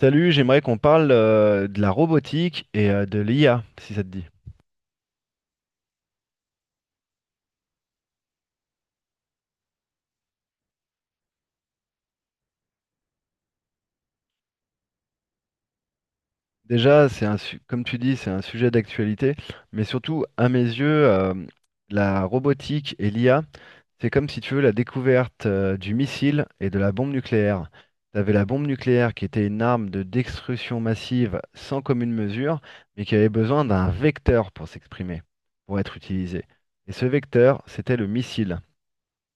Salut, j'aimerais qu'on parle de la robotique et de l'IA, si ça te dit. Déjà, comme tu dis, c'est un sujet d'actualité, mais surtout, à mes yeux, la robotique et l'IA, c'est comme si tu veux la découverte du missile et de la bombe nucléaire. Tu avais la bombe nucléaire qui était une arme de destruction massive sans commune mesure, mais qui avait besoin d'un vecteur pour s'exprimer, pour être utilisé. Et ce vecteur, c'était le missile.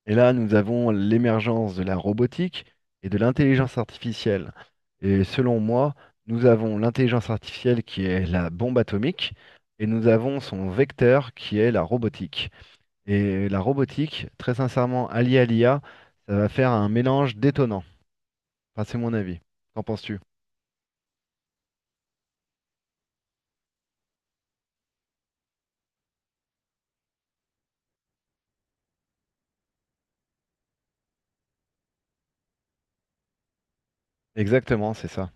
Et là, nous avons l'émergence de la robotique et de l'intelligence artificielle. Et selon moi, nous avons l'intelligence artificielle qui est la bombe atomique et nous avons son vecteur qui est la robotique. Et la robotique, très sincèrement, alliée à l'IA, ça va faire un mélange détonnant. Enfin, c'est mon avis. Qu'en penses-tu? Exactement, c'est ça.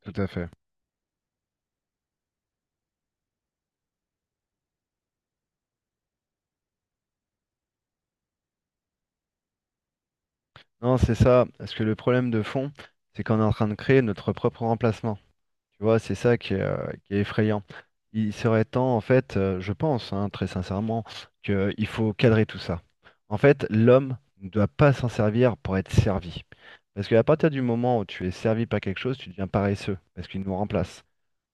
Tout à fait. Non, c'est ça, parce que le problème de fond, c'est qu'on est en train de créer notre propre remplacement. Tu vois, c'est ça qui est effrayant. Il serait temps, en fait, je pense, hein, très sincèrement, qu'il faut cadrer tout ça. En fait, l'homme ne doit pas s'en servir pour être servi. Parce qu'à partir du moment où tu es servi par quelque chose, tu deviens paresseux, parce qu'il nous remplace.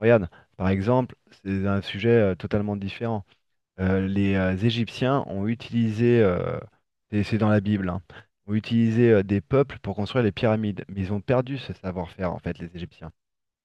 Regarde, par exemple, c'est un sujet totalement différent. Les Égyptiens ont utilisé, et c'est dans la Bible, hein, ont utilisé des peuples pour construire les pyramides, mais ils ont perdu ce savoir-faire, en fait, les Égyptiens,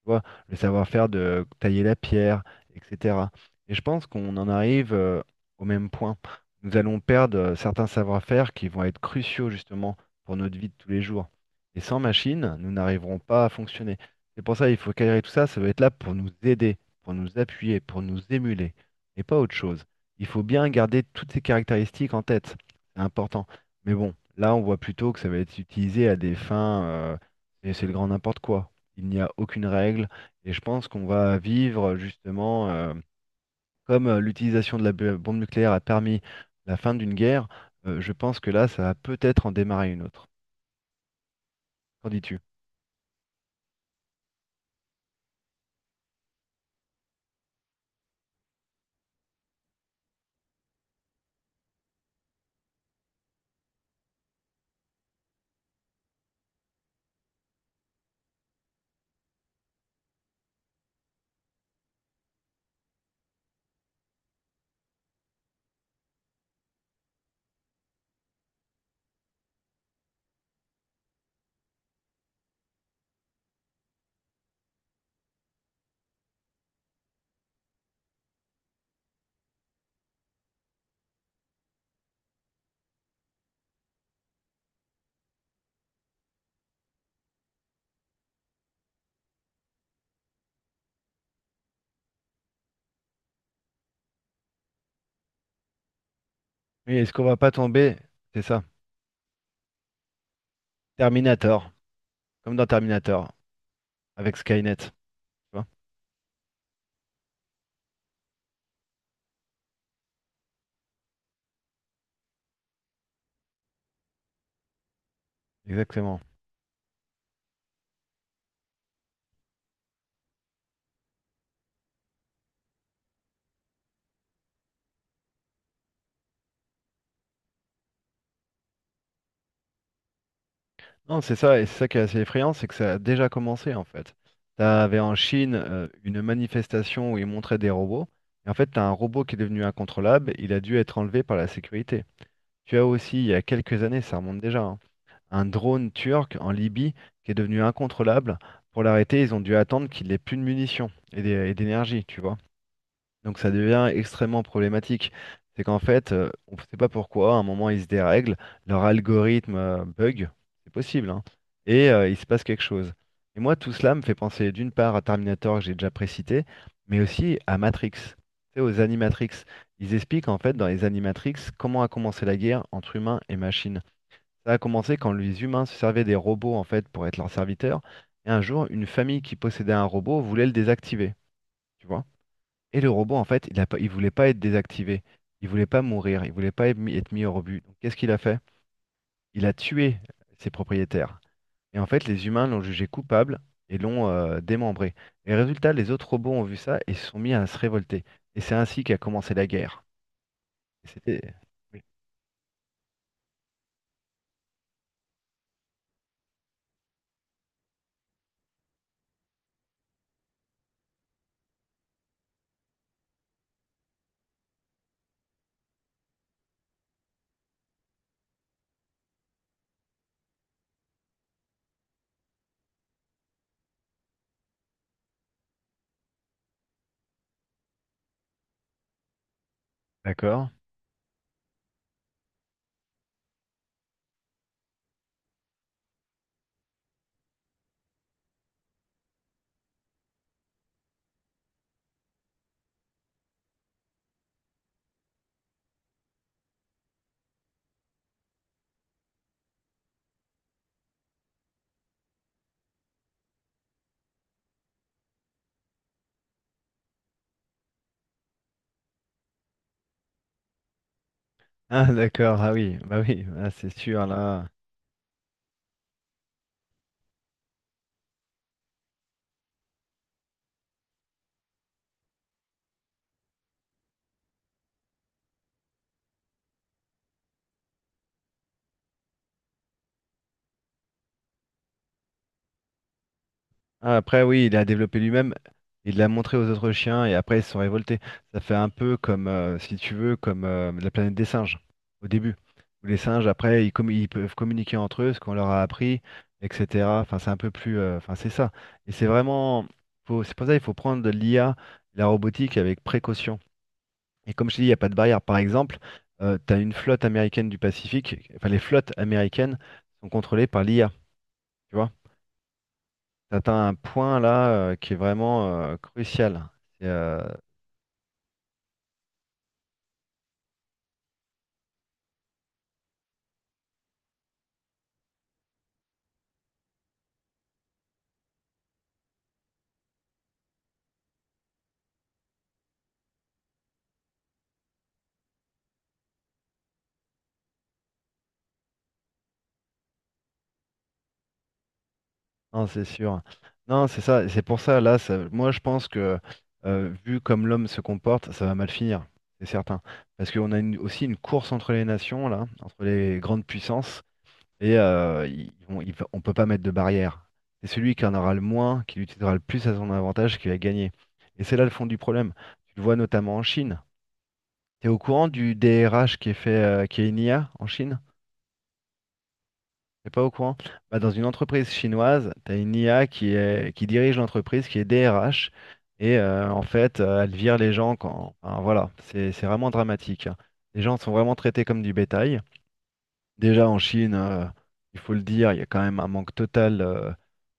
tu vois, le savoir-faire de tailler la pierre, etc. Et je pense qu'on en arrive au même point. Nous allons perdre certains savoir-faire qui vont être cruciaux justement pour notre vie de tous les jours. Et sans machine, nous n'arriverons pas à fonctionner. C'est pour ça qu'il faut cadrer tout ça, ça doit être là pour nous aider, pour nous appuyer, pour nous émuler, et pas autre chose. Il faut bien garder toutes ces caractéristiques en tête, c'est important. Mais bon, là on voit plutôt que ça va être utilisé à des fins, et c'est le grand n'importe quoi, il n'y a aucune règle. Et je pense qu'on va vivre justement, comme l'utilisation de la bombe nucléaire a permis la fin d'une guerre, je pense que là, ça va peut-être en démarrer une autre. Qu'en dis-tu? Mais est-ce qu'on va pas tomber? C'est ça. Terminator, comme dans Terminator, avec Skynet, tu vois. Exactement. Non, c'est ça, et c'est ça qui est assez effrayant, c'est que ça a déjà commencé en fait. T'avais en Chine une manifestation où ils montraient des robots, et en fait, t'as un robot qui est devenu incontrôlable, il a dû être enlevé par la sécurité. Tu as aussi, il y a quelques années, ça remonte déjà, hein, un drone turc en Libye qui est devenu incontrôlable. Pour l'arrêter, ils ont dû attendre qu'il ait plus de munitions et d'énergie, tu vois. Donc ça devient extrêmement problématique. C'est qu'en fait, on ne sait pas pourquoi, à un moment, ils se dérèglent, leur algorithme bug, c'est possible, hein, et il se passe quelque chose. Et moi, tout cela me fait penser d'une part à Terminator que j'ai déjà précité, mais aussi à Matrix, tu sais, aux Animatrix. Ils expliquent en fait dans les Animatrix comment a commencé la guerre entre humains et machines. Ça a commencé quand les humains se servaient des robots en fait pour être leurs serviteurs, et un jour, une famille qui possédait un robot voulait le désactiver, tu vois. Et le robot, en fait, il voulait pas être désactivé. Il voulait pas mourir. Il voulait pas être mis au rebut. Donc, qu'est-ce qu'il a fait? Il a tué ses propriétaires. Et en fait, les humains l'ont jugé coupable et l'ont démembré. Et résultat, les autres robots ont vu ça et se sont mis à se révolter. Et c'est ainsi qu'a commencé la guerre. Et C'était. Oui. D'accord. Ah, d'accord. Ah oui. Bah oui. Ah, c'est sûr, là. Ah, après, oui, il a développé lui-même, il l'a montré aux autres chiens et après ils se sont révoltés. Ça fait un peu comme, si tu veux, comme la planète des singes au début. Où les singes, après, ils peuvent communiquer entre eux, ce qu'on leur a appris, etc. Enfin, c'est un peu plus. Enfin, c'est ça. Et c'est vraiment. C'est pour ça qu'il faut prendre l'IA, la robotique avec précaution. Et comme je te dis, il n'y a pas de barrière. Par exemple, tu as une flotte américaine du Pacifique. Enfin, les flottes américaines sont contrôlées par l'IA. T'atteins un point là qui est vraiment crucial. C'est, euh, non, c'est sûr. Non, c'est ça. C'est pour ça, là, moi je pense que vu comme l'homme se comporte, ça va mal finir, c'est certain. Parce qu'on a aussi une course entre les nations, là, entre les grandes puissances, et on ne peut pas mettre de barrière. C'est celui qui en aura le moins, qui l'utilisera le plus à son avantage, qui va gagner. Et c'est là le fond du problème. Tu le vois notamment en Chine. T'es au courant du DRH qui est fait, qui est une IA en Chine? T'es pas au courant? Bah, dans une entreprise chinoise, tu as une IA qui est, qui dirige l'entreprise, qui est DRH, et elle vire les gens quand, enfin, voilà, c'est vraiment dramatique, hein. Les gens sont vraiment traités comme du bétail. Déjà en Chine, il faut le dire, il y a quand même un manque total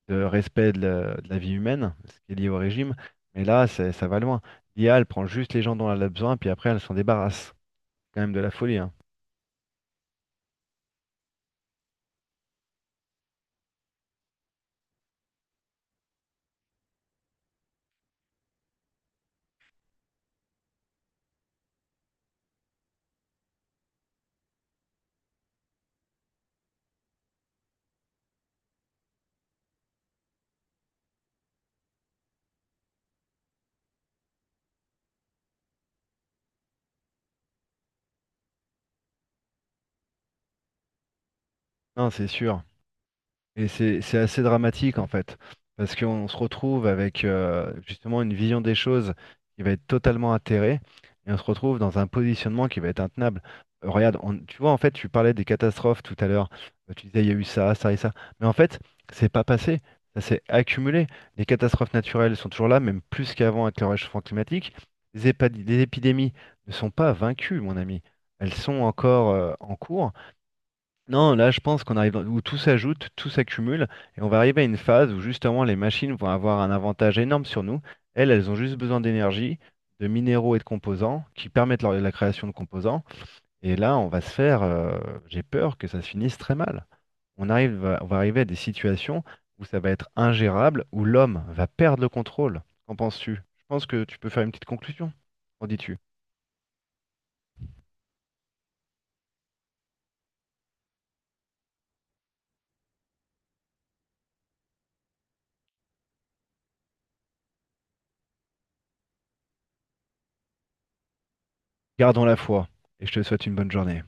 de respect de de la vie humaine, ce qui est lié au régime. Mais là, ça va loin. L'IA, elle prend juste les gens dont elle a besoin, puis après, elle s'en débarrasse. C'est quand même de la folie, hein. Non, c'est sûr. Et c'est assez dramatique en fait, parce qu'on se retrouve avec justement une vision des choses qui va être totalement atterrée, et on se retrouve dans un positionnement qui va être intenable. Regarde, tu vois, en fait, tu parlais des catastrophes tout à l'heure. Tu disais il y a eu ça, ça et ça, mais en fait, c'est pas passé, ça s'est accumulé. Les catastrophes naturelles sont toujours là, même plus qu'avant avec le réchauffement climatique. Les épidémies ne sont pas vaincues, mon ami, elles sont encore en cours. Non, là, je pense qu'on arrive où tout s'ajoute, tout s'accumule, et on va arriver à une phase où justement les machines vont avoir un avantage énorme sur nous. Elles, elles ont juste besoin d'énergie, de minéraux et de composants qui permettent la création de composants. Et là, on va se faire, j'ai peur que ça se finisse très mal. On va arriver à des situations où ça va être ingérable, où l'homme va perdre le contrôle. Qu'en penses-tu? Je pense que tu peux faire une petite conclusion. Qu'en dis-tu? Gardons la foi, et je te souhaite une bonne journée.